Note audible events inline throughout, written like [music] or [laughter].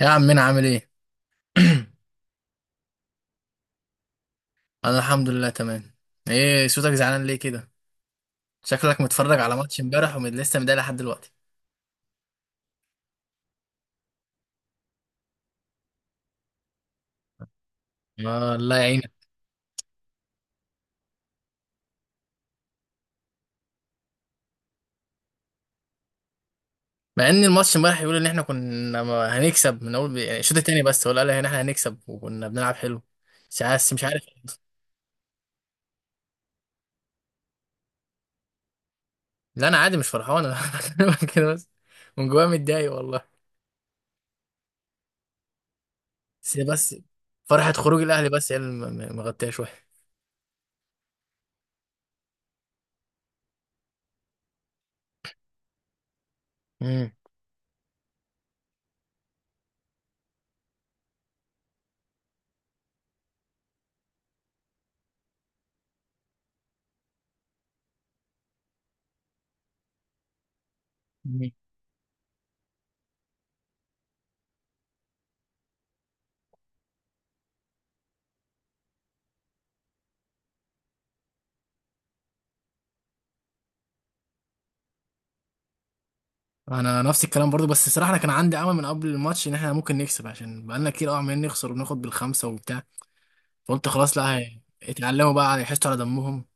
يا عم، مين عامل ايه؟ [clears throat] انا الحمد لله تمام. ايه صوتك زعلان ليه كده؟ شكلك متفرج على ماتش امبارح ولسه مضايق لحد دلوقتي. آه، الله يعينك. مع ان الماتش امبارح يقول ان احنا كنا هنكسب من اول، يعني الشوط التاني بس، ولا قال ان احنا هنكسب وكنا بنلعب حلو. مش عارف، مش عارف. لا، انا عادي مش فرحان، انا [laughs] بكلمك كده بس. من جوايا متضايق والله. بس فرحة خروج الاهلي بس هي اللي مغطيه شويه. مم. انا نفس الكلام برضو، بس الصراحه انا كان عندي امل من قبل الماتش ان احنا ممكن نكسب، عشان بقالنا كتير قوي عمالين نخسر وبناخد بالخمسه وبتاع. فقلت خلاص، لا اتعلموا بقى يحسوا على دمهم.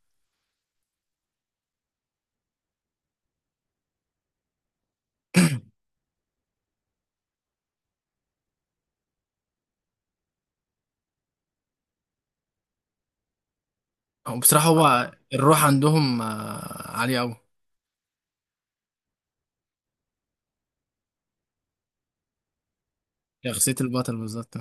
هو بصراحه، هو الروح عندهم عاليه قوي. شخصيه البطل بالظبط.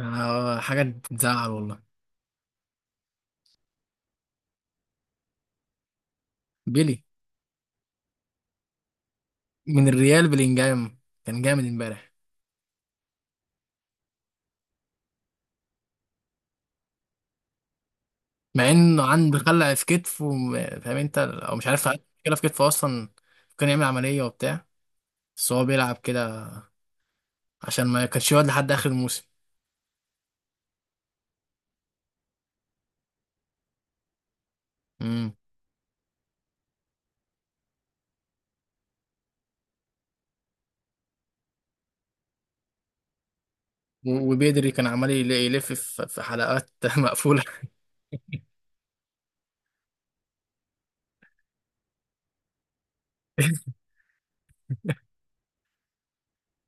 آه، حاجه تزعل والله. بيلي. من الريال بلينجهام، كان جامد امبارح. مع انه عنده خلع في كتفه وم- فاهم انت او مش عارف؟ عنده مشكله في كتفه اصلا، كان يعمل عمليه وبتاع. بس هو بيلعب كده عشان ما كانش يقعد لحد اخر الموسم. و- وبيدري كان عمال يلف في حلقات [laughs] مقفولة.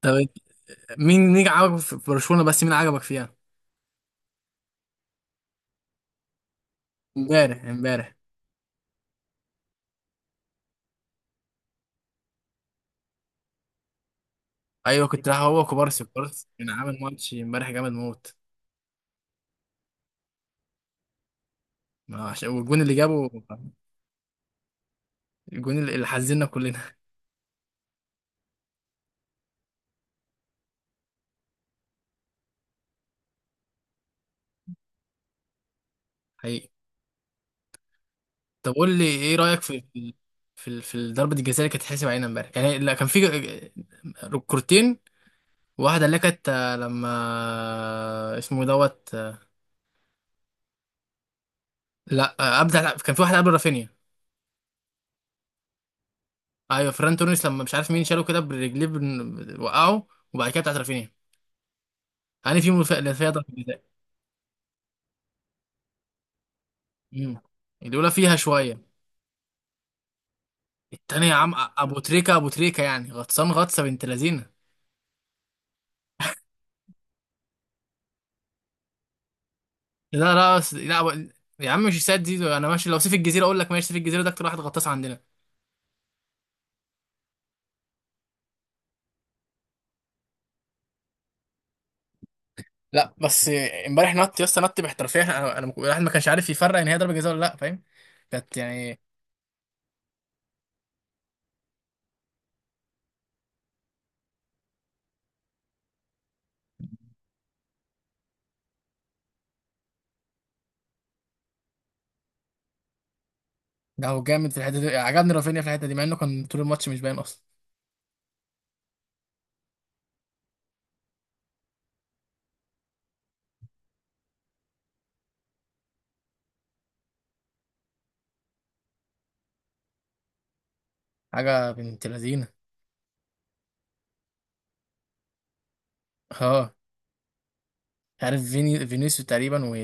طب، مين عجبك في برشلونة؟ بس مين عجبك فيها؟ امبارح، امبارح. ايوه، كنت رايح، هو كوبارسي، كوبارسي كان عامل ماتش امبارح جامد موت. ما عشان والجون اللي جابه، الجون اللي حزننا كلنا. حقيقي. طب قول لي، ايه رأيك في ضربة الجزاء اللي كانت حسب علينا امبارح؟ يعني لا، كان في كورتين. واحدة اللي كانت لما اسمه دوت لا، ابدع. كان في واحدة قبل رافينيا. ايوه، فران توريس، لما مش عارف مين شاله كده برجليه وقعه. وبعد كده بتاعت رافينيا. هاني في اللي فيها ضربه جزاء. امم. الاولى فيها شويه. التانية يا عم، ابو تريكه، ابو تريكه يعني غطسان غطسه بنت لذينه. لا، لا، لا يا عم مش ساد دي، ده انا ماشي، لو سيف الجزيره اقول لك ماشي. سيف الجزيره ده اكتر واحد غطاس عندنا. لا بس. امبارح نط يا اسطى، نط باحترافيه. انا الواحد ما كانش عارف يفرق ان هي ضربه جزاء ولا لا، فاهم. كانت يعني. ده هو جامد في الحته دي، عجبني رافينيا في الحته دي مع انه كان طول الماتش مش باين اصلا. حاجه بنت لذينه. اه، عارف فينيسيو تقريبا و...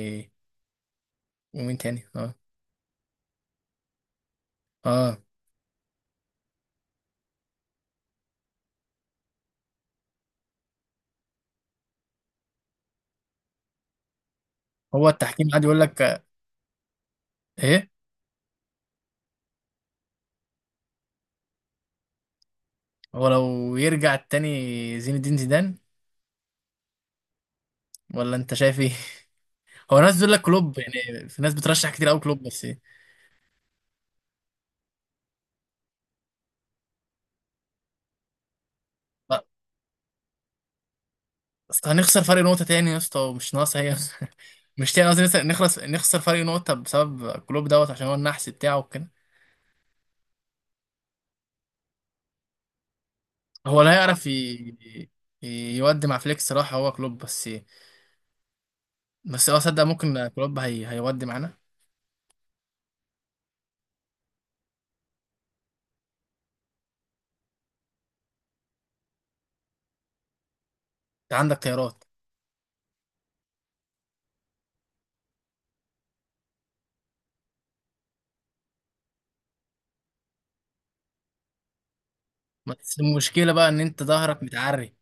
ومين تاني؟ اه. اه، هو التحكيم قاعد يقول لك ايه. هو لو يرجع التاني زين الدين زيدان، ولا انت شايف ايه؟ [laughs] هو ناس بتقول لك كلوب، يعني في ناس بترشح كتير قوي كلوب، بس إيه؟ لا، أصل هنخسر فرق نقطة تاني يا اسطى، ومش ناقصة هي. [laughs] مش تاني قصدي نخسر، نخسر فرق نقطة بسبب كلوب دوت، عشان هو النحس بتاعه وكده. هو لا يعرف يودي مع فليكس صراحة، هو كلوب بس إيه؟ بس اه صدق، ممكن كلوب هيودي معانا. انت عندك خيارات. بس المشكلة بقى إن أنت ظهرك متعري.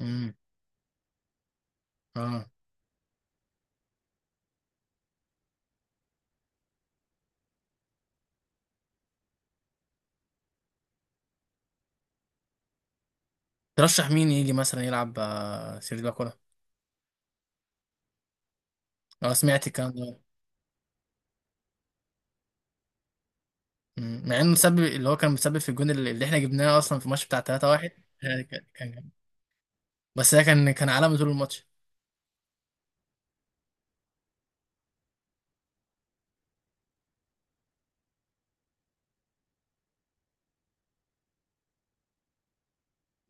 امم. اه. ترشح مين يجي مثلا يلعب سيرجي باكولا؟ اه، سمعت الكلام ده. مم. مع إنه مسبب، اللي هو كان مسبب في الجون اللي إحنا جبناه أصلا في الماتش بتاع 3-1. ده كان جامد. بس ده كان عالمي طول الماتش.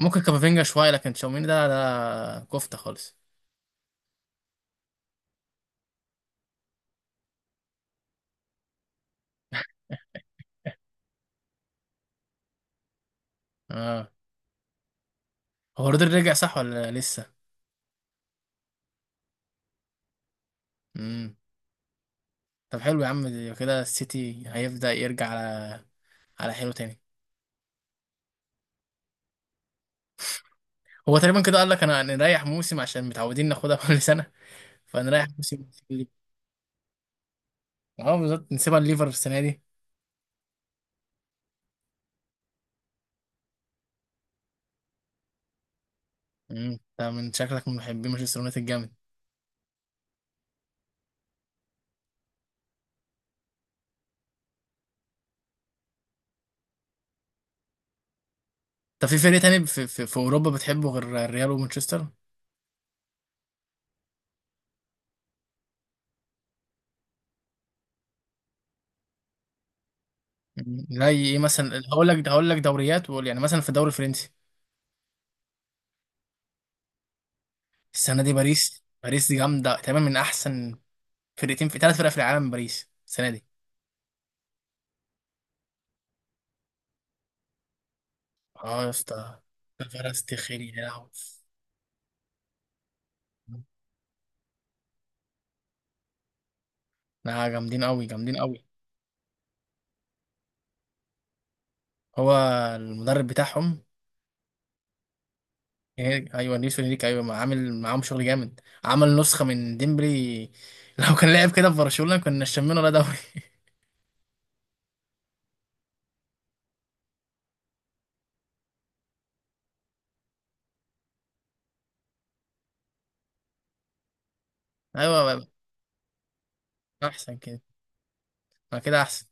ممكن كامافينجا شوية لكن تشاوميني ده كفتة خالص. اه. هو رودري رجع صح ولا لسه؟ امم. طب حلو يا عم، دي كده السيتي هيبدأ يرجع على حلو تاني. هو تقريبا كده قال لك انا نريح موسم، عشان متعودين ناخدها [laughs] كل سنه، فنريح نسيب. اه بالظبط، نسيبها الليفر في السنه دي. مم. انت من شكلك من محبين مانشستر يونايتد جامد. طب في فريق تاني في اوروبا بتحبه غير الريال ومانشستر؟ مم. زي ايه مثلا؟ هقول لك دوريات وقول، يعني مثلا في الدوري الفرنسي. السنه دي باريس، باريس دي جامده تقريبا من احسن فرقتين في 3 فرق في العالم، باريس السنه دي. اه يا اسطى، فرس تخيري يا لهوي. لا، جامدين قوي، جامدين قوي. هو المدرب بتاعهم؟ إيه، ايوه نيسو ليك، ايوه ما عامل معاهم شغل جامد، عمل نسخه من ديمبلي [laughs] لو كان لعب كده في برشلونه كنا شمينا ولا دوري. [laughs] ايوه احسن كده، ما كده احسن.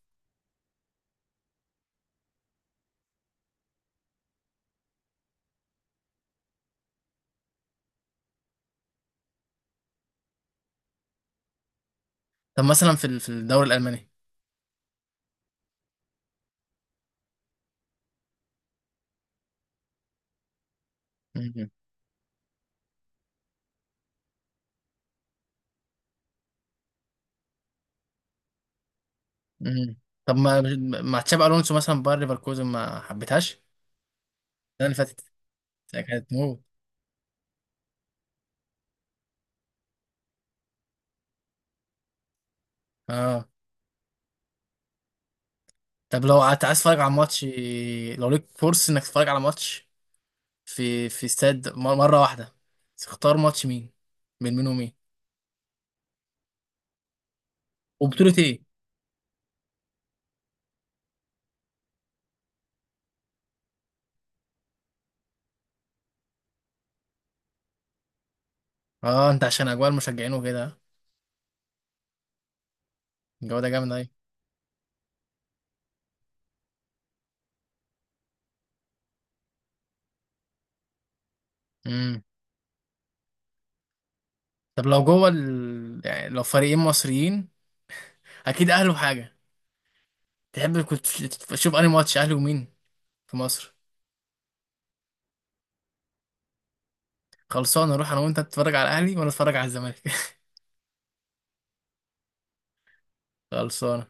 طب مثلا في الدوري الالماني. مم. مم. طب ما مع تشابي الونسو مثلا باير ليفركوزن، ما حبيتهاش؟ السنه اللي فاتت كانت موت. اه. طب لو عايز تتفرج على ماتش، لو ليك فرصه انك تتفرج على ماتش في استاد مره واحده، تختار ماتش مين؟ من مين ومين؟ وبطوله ايه؟ اه، انت عشان اجواء المشجعين وكده. الجو ده جامد اهي. امم. طب لو جوه يعني لو فريقين مصريين، اكيد اهلي وحاجه. تحب كنت تشوف انهي ماتش اهلي ومين في مصر؟ خلصانه، نروح انا وانت، تتفرج على الاهلي وانا اتفرج على الزمالك. [laughs] خلصانه.